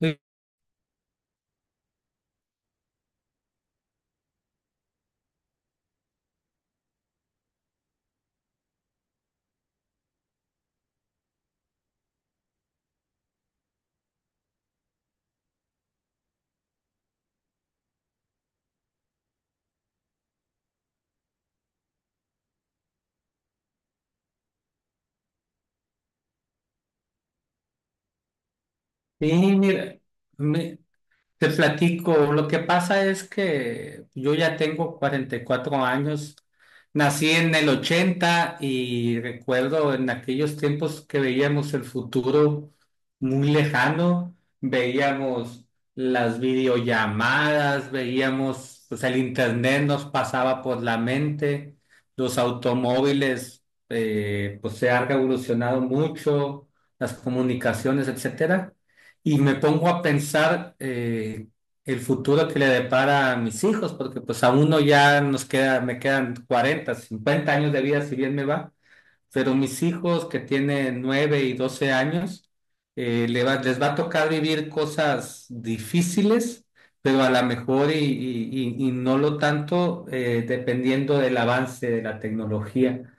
Sí, mira, me- te platico. Lo que pasa es que yo ya tengo 44 años, nací en el 80 y recuerdo en aquellos tiempos que veíamos el futuro muy lejano. Veíamos las videollamadas, veíamos, pues el internet nos pasaba por la mente, los automóviles, pues se han revolucionado mucho, las comunicaciones, etcétera. Y me pongo a pensar el futuro que le depara a mis hijos, porque pues a uno ya nos queda, me quedan 40 50 años de vida, si bien me va, pero mis hijos que tienen 9 y 12 años. Les va a tocar vivir cosas difíciles, pero a lo mejor y no lo tanto, dependiendo del avance de la tecnología.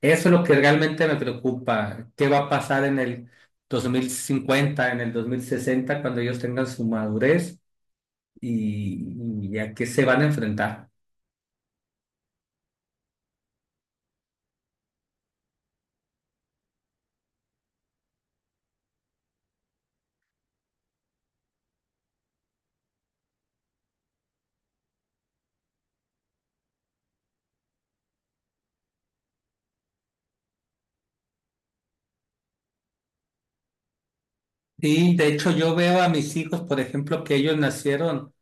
Eso es lo que realmente me preocupa. ¿Qué va a pasar en el 2050, en el 2060, cuando ellos tengan su madurez y, y a qué se van a enfrentar? Y de hecho yo veo a mis hijos, por ejemplo, que ellos nacieron.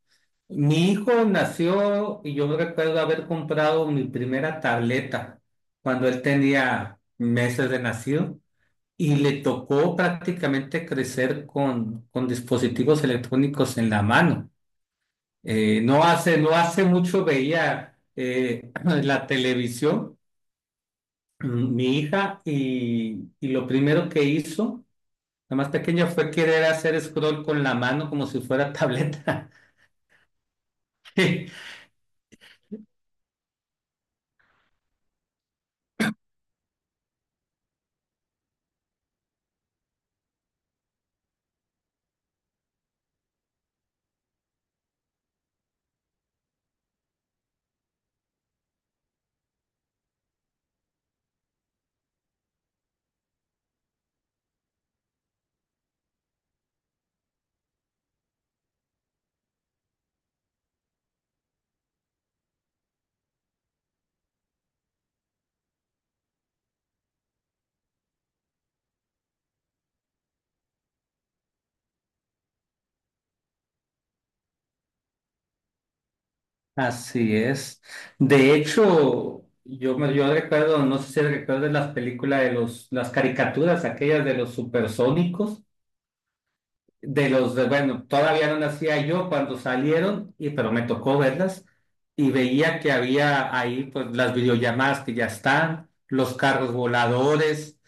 Mi hijo nació y yo recuerdo haber comprado mi primera tableta cuando él tenía meses de nacido, y le tocó prácticamente crecer con dispositivos electrónicos en la mano. No hace mucho veía, la televisión, mi hija, y lo primero que hizo, la más pequeña, fue querer hacer scroll con la mano como si fuera tableta. Así es. De hecho, yo recuerdo, no sé si recuerdas las películas de las caricaturas, aquellas de los supersónicos, de los de, bueno, todavía no nacía yo cuando salieron, y pero me tocó verlas, y veía que había ahí, pues, las videollamadas que ya están, los carros voladores,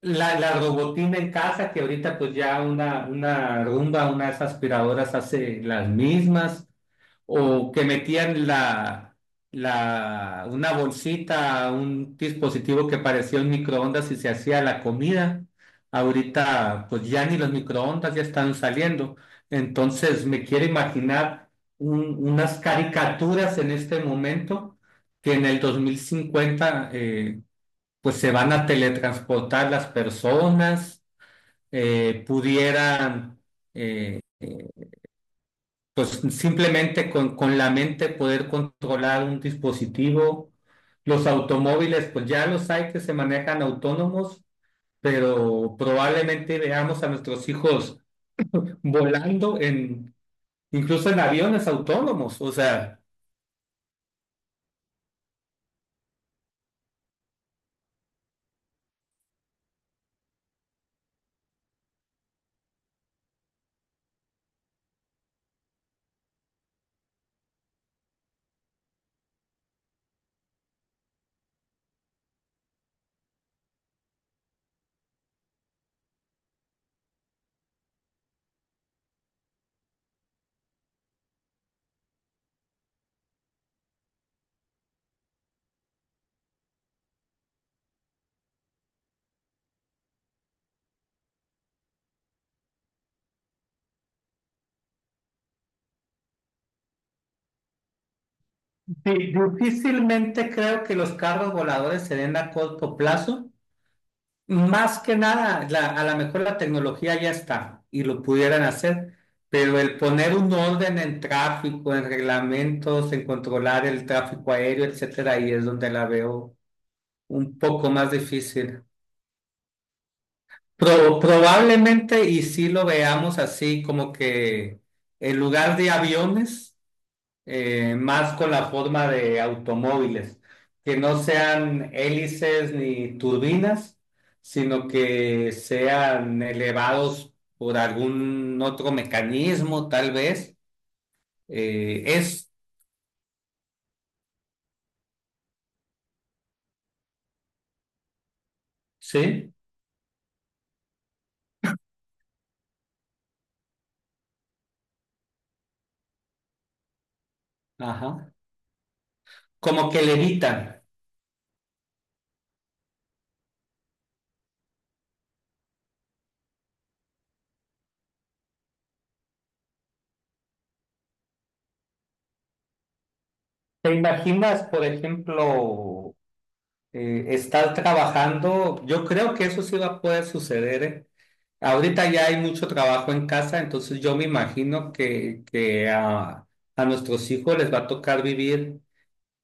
la robotina en casa, que ahorita pues ya una Rumba, unas aspiradoras hace las mismas, o que metían una bolsita, un dispositivo que parecía un microondas y se hacía la comida. Ahorita, pues ya ni los microondas ya están saliendo. Entonces, me quiero imaginar unas caricaturas en este momento, que en el 2050, pues se van a teletransportar las personas, pudieran. eh, pues simplemente con la mente poder controlar un dispositivo. Los automóviles, pues ya los hay que se manejan autónomos, pero probablemente veamos a nuestros hijos volando incluso en aviones autónomos. O sea, difícilmente creo que los carros voladores se den a corto plazo. Más que nada, a lo mejor la tecnología ya está y lo pudieran hacer, pero el poner un orden en tráfico, en reglamentos, en controlar el tráfico aéreo, etcétera, ahí es donde la veo un poco más difícil. Probablemente, y si lo veamos así, como que en lugar de aviones, más con la forma de automóviles, que no sean hélices ni turbinas, sino que sean elevados por algún otro mecanismo, tal vez. Eh, es, sí, ajá, como que levitan. ¿Te imaginas, por ejemplo, estar trabajando? Yo creo que eso sí va a poder suceder, ¿eh? Ahorita ya hay mucho trabajo en casa, entonces yo me imagino que a nuestros hijos les va a tocar vivir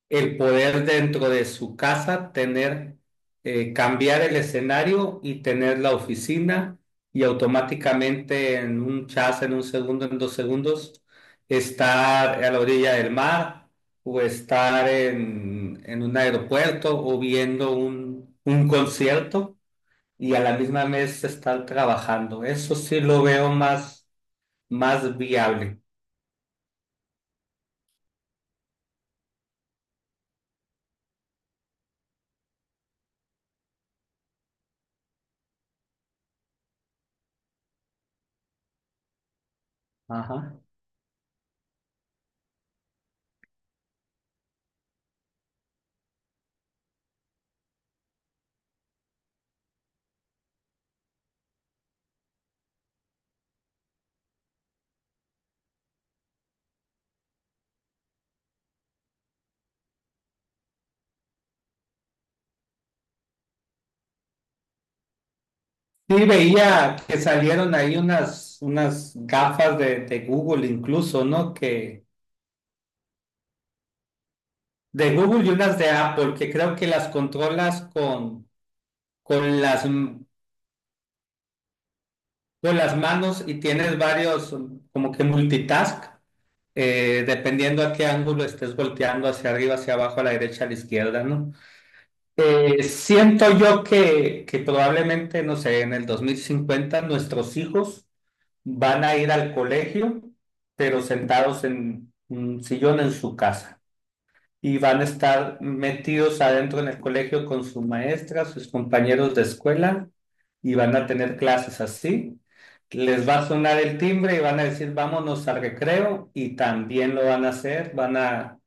el poder dentro de su casa, tener, cambiar el escenario y tener la oficina y automáticamente en un chas, en un segundo, en dos segundos, estar a la orilla del mar, o estar en un aeropuerto, o viendo un concierto y a la misma vez estar trabajando. Eso sí lo veo más, más viable. Ajá. Sí, veía que salieron ahí unas gafas de Google incluso, ¿no? Que de Google y unas de Apple, que creo que las controlas con las, con las manos y tienes varios, como que multitask, dependiendo a qué ángulo estés volteando, hacia arriba, hacia abajo, a la derecha, a la izquierda, ¿no? Siento yo que probablemente, no sé, en el 2050 nuestros hijos van a ir al colegio, pero sentados en un sillón en su casa, y van a estar metidos adentro en el colegio con su maestra, sus compañeros de escuela, y van a tener clases así. Les va a sonar el timbre y van a decir vámonos al recreo y también lo van a hacer. Van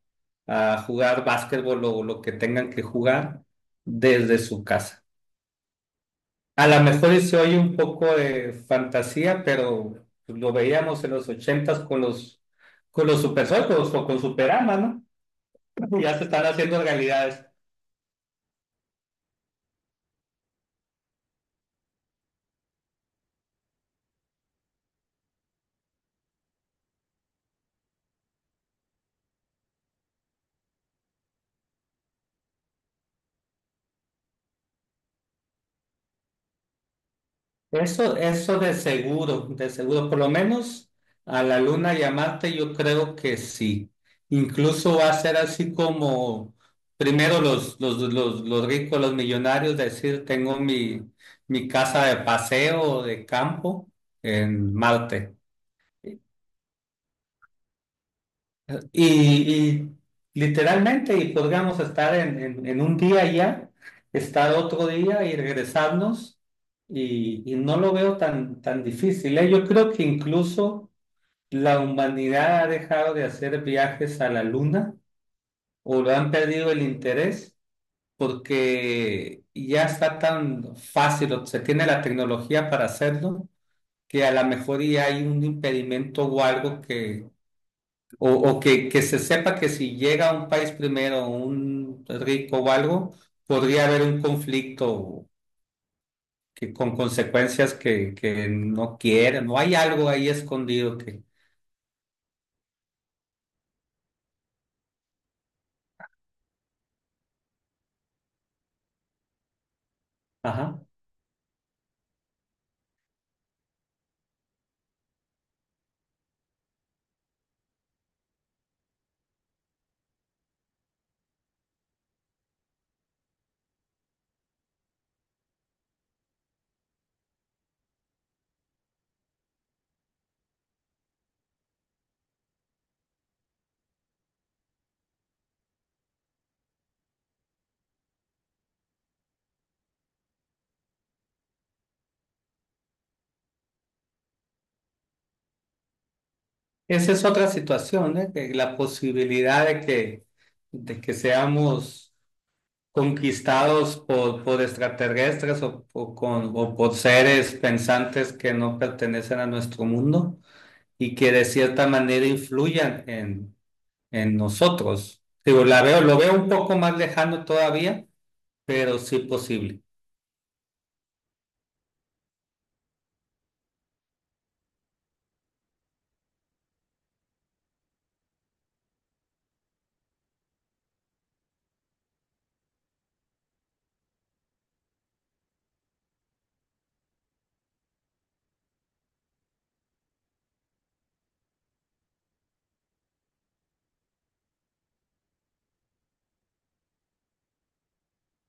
a jugar básquetbol o lo que tengan que jugar desde su casa. A lo mejor y se oye un poco de fantasía, pero lo veíamos en los ochentas con con los supersónicos o con Superama, ¿no? Ya se están haciendo realidades. Eso de seguro, por lo menos a la luna y a Marte, yo creo que sí. Incluso va a ser así como primero los ricos, los millonarios, decir, tengo mi casa de paseo o de campo en Marte. Y literalmente, y podríamos estar en un día allá, estar otro día y regresarnos, y no lo veo tan, tan difícil, ¿eh? Yo creo que incluso la humanidad ha dejado de hacer viajes a la luna, o lo han perdido el interés porque ya está tan fácil, o se tiene la tecnología para hacerlo, que a lo mejor ya hay un impedimento o algo que o que, se sepa que si llega a un país primero, un rico o algo, podría haber un conflicto que, con consecuencias que no quieren, o hay algo ahí escondido que. Ajá. Esa es otra situación, ¿eh? Que la posibilidad de que seamos conquistados por extraterrestres o por seres pensantes que no pertenecen a nuestro mundo, y que de cierta manera influyan en nosotros. Digo, la veo, lo veo un poco más lejano todavía, pero sí posible.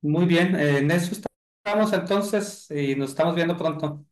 Muy bien, en eso estamos entonces, y nos estamos viendo pronto.